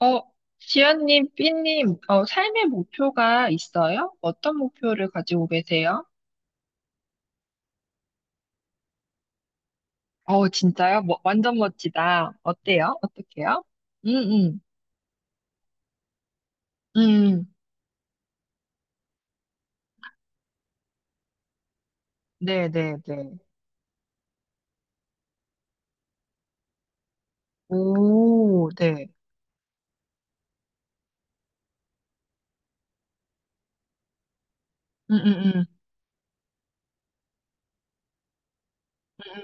어, 지연님, 삐님, 삶의 목표가 있어요? 어떤 목표를 가지고 계세요? 진짜요? 뭐, 완전 멋지다. 어때요? 어떡해요? 음. 음. 음. 네, 네, 네. 오, 네. 음. 음. 음.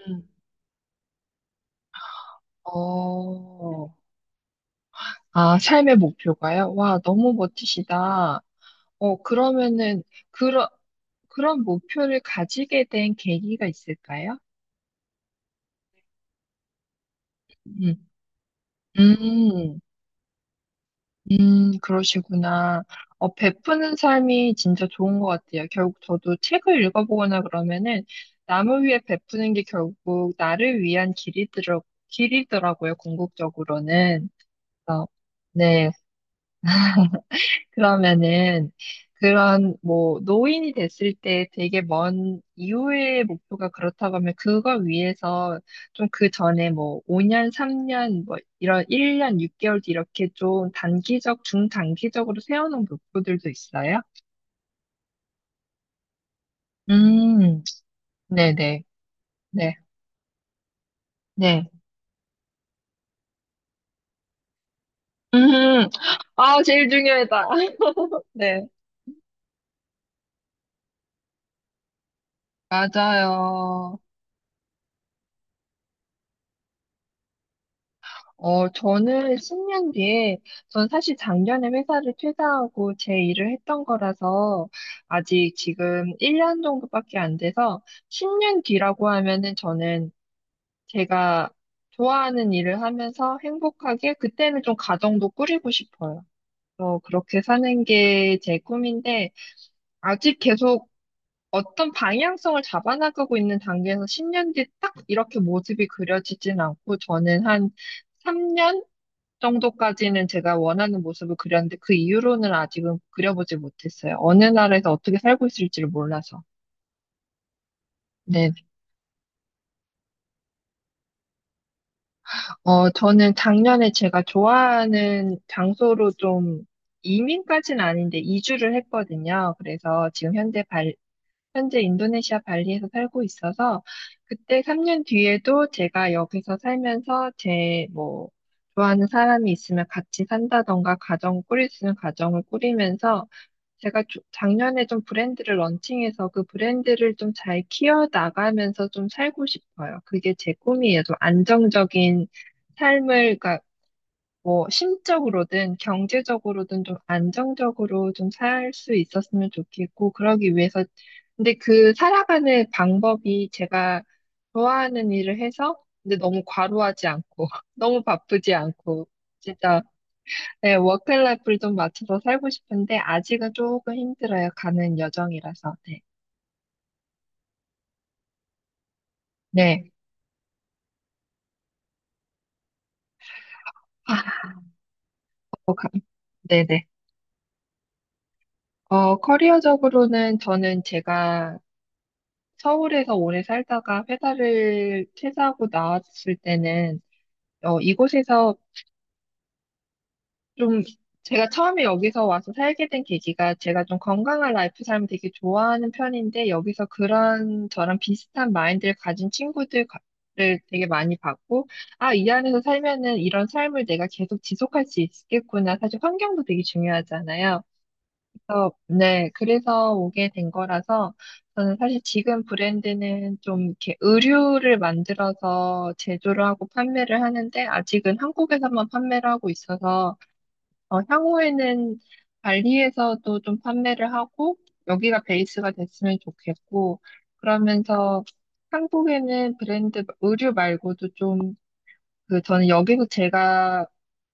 음. 어, 삶의 목표가요? 와, 너무 멋지시다. 그러면은, 그런, 그런 목표를 가지게 된 계기가 있을까요? 음. 음. 그러시구나. 베푸는 삶이 진짜 좋은 것 같아요. 결국 저도 책을 읽어보거나 그러면은 남을 위해 베푸는 게 결국 나를 위한 길이더라고요, 궁극적으로는. 그래서, 네, 그러면은 그런 뭐 노인이 됐을 때 되게 먼 이후의 목표가 그렇다고 하면 그걸 위해서 좀 그 전에 뭐 5년, 3년 뭐 이런 1년, 6개월 뒤 이렇게 좀 단기적, 중단기적으로 세워놓은 목표들도 있어요? 음. 네네, 네, 네. 음, 제일 중요하다. 네, 맞아요. 저는 10년 뒤에, 전 사실 작년에 회사를 퇴사하고 제 일을 했던 거라서, 아직 지금 1년 정도밖에 안 돼서, 10년 뒤라고 하면은 저는 제가 좋아하는 일을 하면서 행복하게, 그때는 좀 가정도 꾸리고 싶어요. 그렇게 사는 게 제 꿈인데, 아직 계속 어떤 방향성을 잡아나가고 있는 단계에서 10년 뒤 딱 이렇게 모습이 그려지진 않고, 저는 한, 3년? 정도까지는 제가 원하는 모습을 그렸는데 그 이후로는 아직은 그려보지 못했어요. 어느 나라에서 어떻게 살고 있을지를 몰라서. 네. 저는 작년에 제가 좋아하는 장소로 좀 이민까지는 아닌데 이주를 했거든요. 그래서 지금 현재 현재 인도네시아 발리에서 살고 있어서 그때 3년 뒤에도 제가 여기서 살면서 제 뭐 좋아하는 사람이 있으면 같이 산다던가 가정 꾸릴 수 있는 가정을 꾸리면서 제가 작년에 좀 브랜드를 런칭해서 그 브랜드를 좀 잘 키워나가면서 좀 살고 싶어요. 그게 제 꿈이에요. 좀 안정적인 삶을, 그러니까 뭐 심적으로든 경제적으로든 좀 안정적으로 좀 살 수 있었으면 좋겠고, 그러기 위해서. 근데 그 살아가는 방법이 제가 좋아하는 일을 해서, 근데 너무 과로하지 않고, 너무 바쁘지 않고, 진짜 네, 워크라이프를 좀 맞춰서 살고 싶은데 아직은 조금 힘들어요. 가는 여정이라서. 네. 네. 아, 어, 가- 네네. 커리어적으로는 저는 제가 서울에서 오래 살다가 회사를 퇴사하고 나왔을 때는 이곳에서 좀 제가 처음에 여기서 와서 살게 된 계기가 제가 좀 건강한 라이프 삶을 되게 좋아하는 편인데 여기서 그런 저랑 비슷한 마인드를 가진 친구들을 되게 많이 봤고 아, 이 안에서 살면은 이런 삶을 내가 계속 지속할 수 있겠구나. 사실 환경도 되게 중요하잖아요. 그래서 네, 그래서 오게 된 거라서 저는 사실 지금 브랜드는 좀 이렇게 의류를 만들어서 제조를 하고 판매를 하는데 아직은 한국에서만 판매를 하고 있어서 향후에는 발리에서도 좀 판매를 하고 여기가 베이스가 됐으면 좋겠고 그러면서 한국에는 브랜드 의류 말고도 좀 그 저는 여기서 제가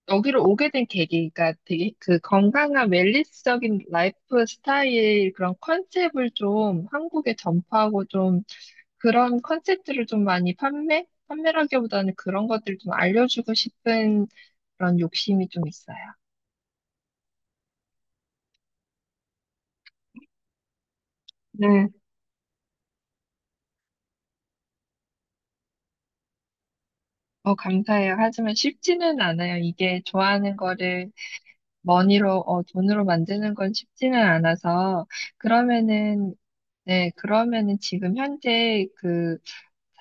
여기로 오게 된 계기가 되게 그 건강한 웰니스적인 라이프 스타일 그런 컨셉을 좀 한국에 전파하고 좀 그런 컨셉들을 좀 많이 판매? 판매라기보다는 그런 것들을 좀 알려주고 싶은 그런 욕심이 좀 있어요. 네. 감사해요. 하지만 쉽지는 않아요. 이게 좋아하는 거를 돈으로 만드는 건 쉽지는 않아서, 그러면은, 네, 그러면은 지금 현재 그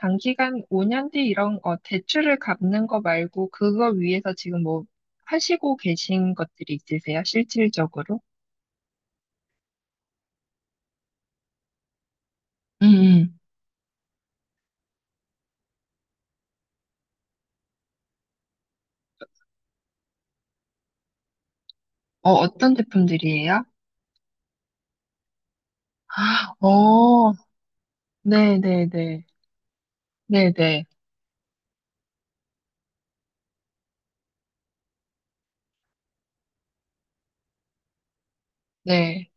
장기간 5년 뒤 이런, 대출을 갚는 거 말고, 그걸 위해서 지금 뭐 하시고 계신 것들이 있으세요? 실질적으로? 음. 음. 어떤 제품들이에요? 어, 네네네. 네네. 네.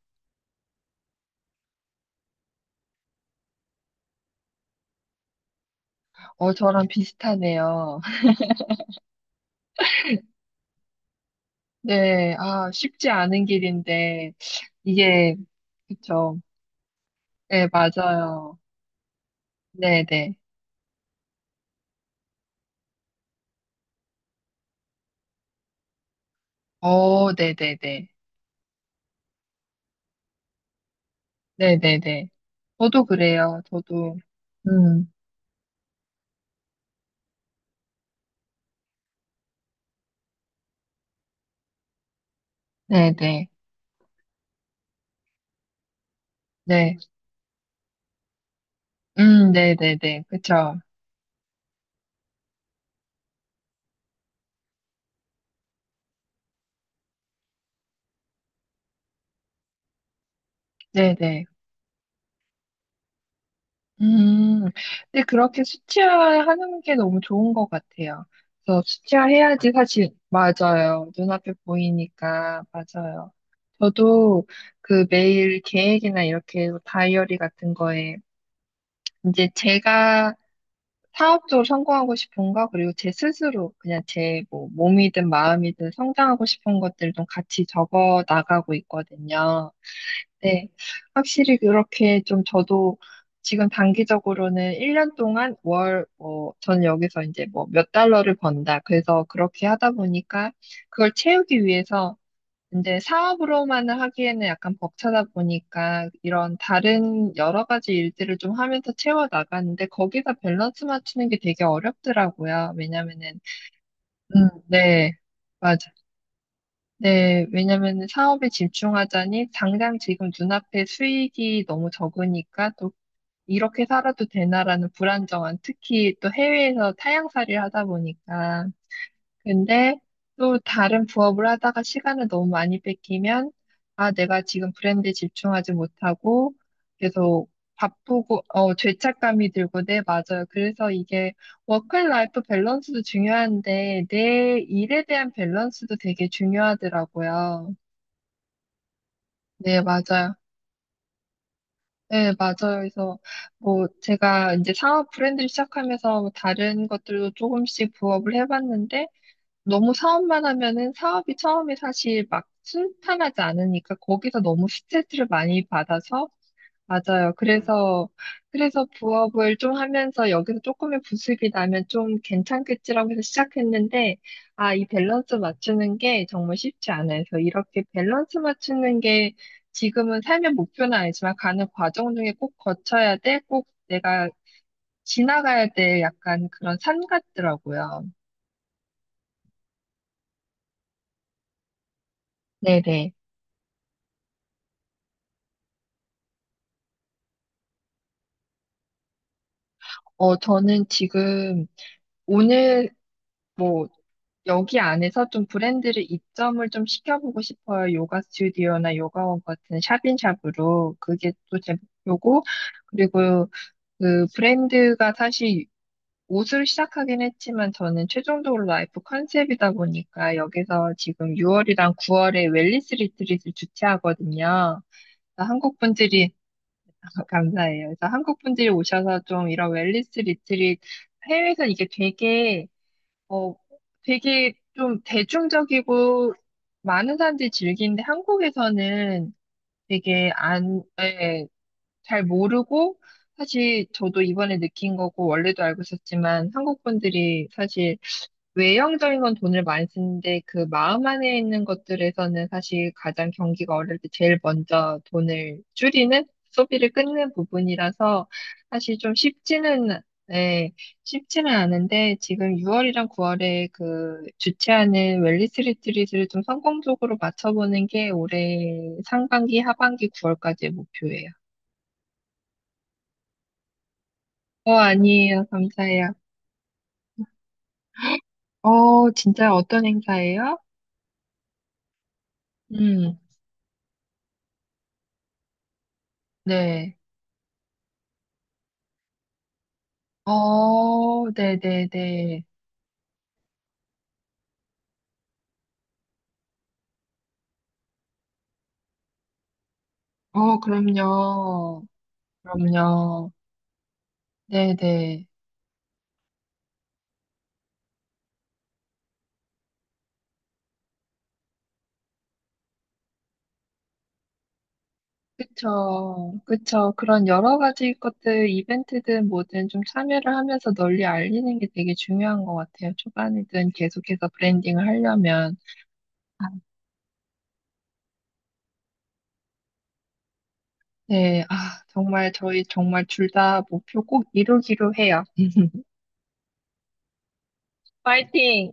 저랑 비슷하네요. 네, 아, 쉽지 않은 길인데, 이게, 그쵸. 네, 맞아요. 네네. 네네네. 네네네. 저도 그래요. 저도. 음. 네네. 네. 음. 네네네. 그쵸. 네네. 음. 근데 그렇게 수치화하는 게 너무 좋은 것 같아요. 그래서 수치화해야지 사실 맞아요. 눈앞에 보이니까 맞아요. 저도 그 매일 계획이나 이렇게 다이어리 같은 거에 이제 제가 사업적으로 성공하고 싶은 거 그리고 제 스스로 그냥 제 뭐 몸이든 마음이든 성장하고 싶은 것들 좀 같이 적어 나가고 있거든요. 네, 확실히 그렇게 좀 저도 지금 단기적으로는 1년 동안 전 여기서 이제 뭐 몇 달러를 번다. 그래서 그렇게 하다 보니까 그걸 채우기 위해서 이제 사업으로만은 하기에는 약간 벅차다 보니까 이런 다른 여러 가지 일들을 좀 하면서 채워 나가는데 거기다 밸런스 맞추는 게 되게 어렵더라고요. 왜냐면은, 음. 네. 맞아요. 네, 왜냐면 사업에 집중하자니 당장 지금 눈앞에 수익이 너무 적으니까 또 이렇게 살아도 되나라는 불안정한 특히 또 해외에서 타향살이를 하다 보니까 근데 또 다른 부업을 하다가 시간을 너무 많이 뺏기면, 아, 내가 지금 브랜드에 집중하지 못하고 계속 바쁘고, 죄책감이 들고, 네, 맞아요. 그래서 이게 워크앤라이프 밸런스도 중요한데, 내 일에 대한 밸런스도 되게 중요하더라고요. 네, 맞아요. 네, 맞아요. 그래서 뭐 제가 이제 상업 브랜드를 시작하면서 뭐 다른 것들도 조금씩 부업을 해봤는데, 너무 사업만 하면은 사업이 처음에 사실 막 순탄하지 않으니까 거기서 너무 스트레스를 많이 받아서 맞아요. 그래서 부업을 좀 하면서 여기서 조금의 부습이 나면 좀 괜찮겠지라고 해서 시작했는데 아, 이 밸런스 맞추는 게 정말 쉽지 않아요. 그래서 이렇게 밸런스 맞추는 게 지금은 삶의 목표는 아니지만 가는 과정 중에 꼭 거쳐야 돼. 꼭 내가 지나가야 될 약간 그런 산 같더라고요. 네네. 저는 지금 오늘 뭐 여기 안에서 좀 브랜드를 입점을 좀 시켜보고 싶어요. 요가 스튜디오나 요가원 같은 샵인샵으로. 그게 또 제 목표고. 그리고 그 브랜드가 사실 옷을 시작하긴 했지만 저는 최종적으로 라이프 컨셉이다 보니까 여기서 지금 6월이랑 9월에 웰니스 리트릿을 주최하거든요. 한국 분들이 감사해요. 그래서 한국 분들이 오셔서 좀 이런 웰니스 리트릿 해외에서는 이게 되게 어 되게 좀 대중적이고 많은 사람들이 즐기는데 한국에서는 되게 안, 예, 잘 모르고 사실 저도 이번에 느낀 거고 원래도 알고 있었지만 한국 분들이 사실 외형적인 건 돈을 많이 쓰는데 그 마음 안에 있는 것들에서는 사실 가장 경기가 어려울 때 제일 먼저 돈을 줄이는 소비를 끊는 부분이라서 사실 좀 쉽지는 예, 쉽지는 않은데 지금 6월이랑 9월에 그 주최하는 웰니스 리트릿을 좀 성공적으로 맞춰보는 게 올해 상반기, 하반기 9월까지의 목표예요. 아니에요. 감사해요. 진짜 어떤 행사예요? 음. 네. 네네네. 그럼요. 그럼요. 네네. 그쵸. 그쵸. 그런 여러 가지 것들, 이벤트든 뭐든 좀 참여를 하면서 널리 알리는 게 되게 중요한 것 같아요. 초반이든 계속해서 브랜딩을 하려면. 네. 아, 정말 저희 정말 둘 다 목표 꼭 이루기로 해요. 파이팅!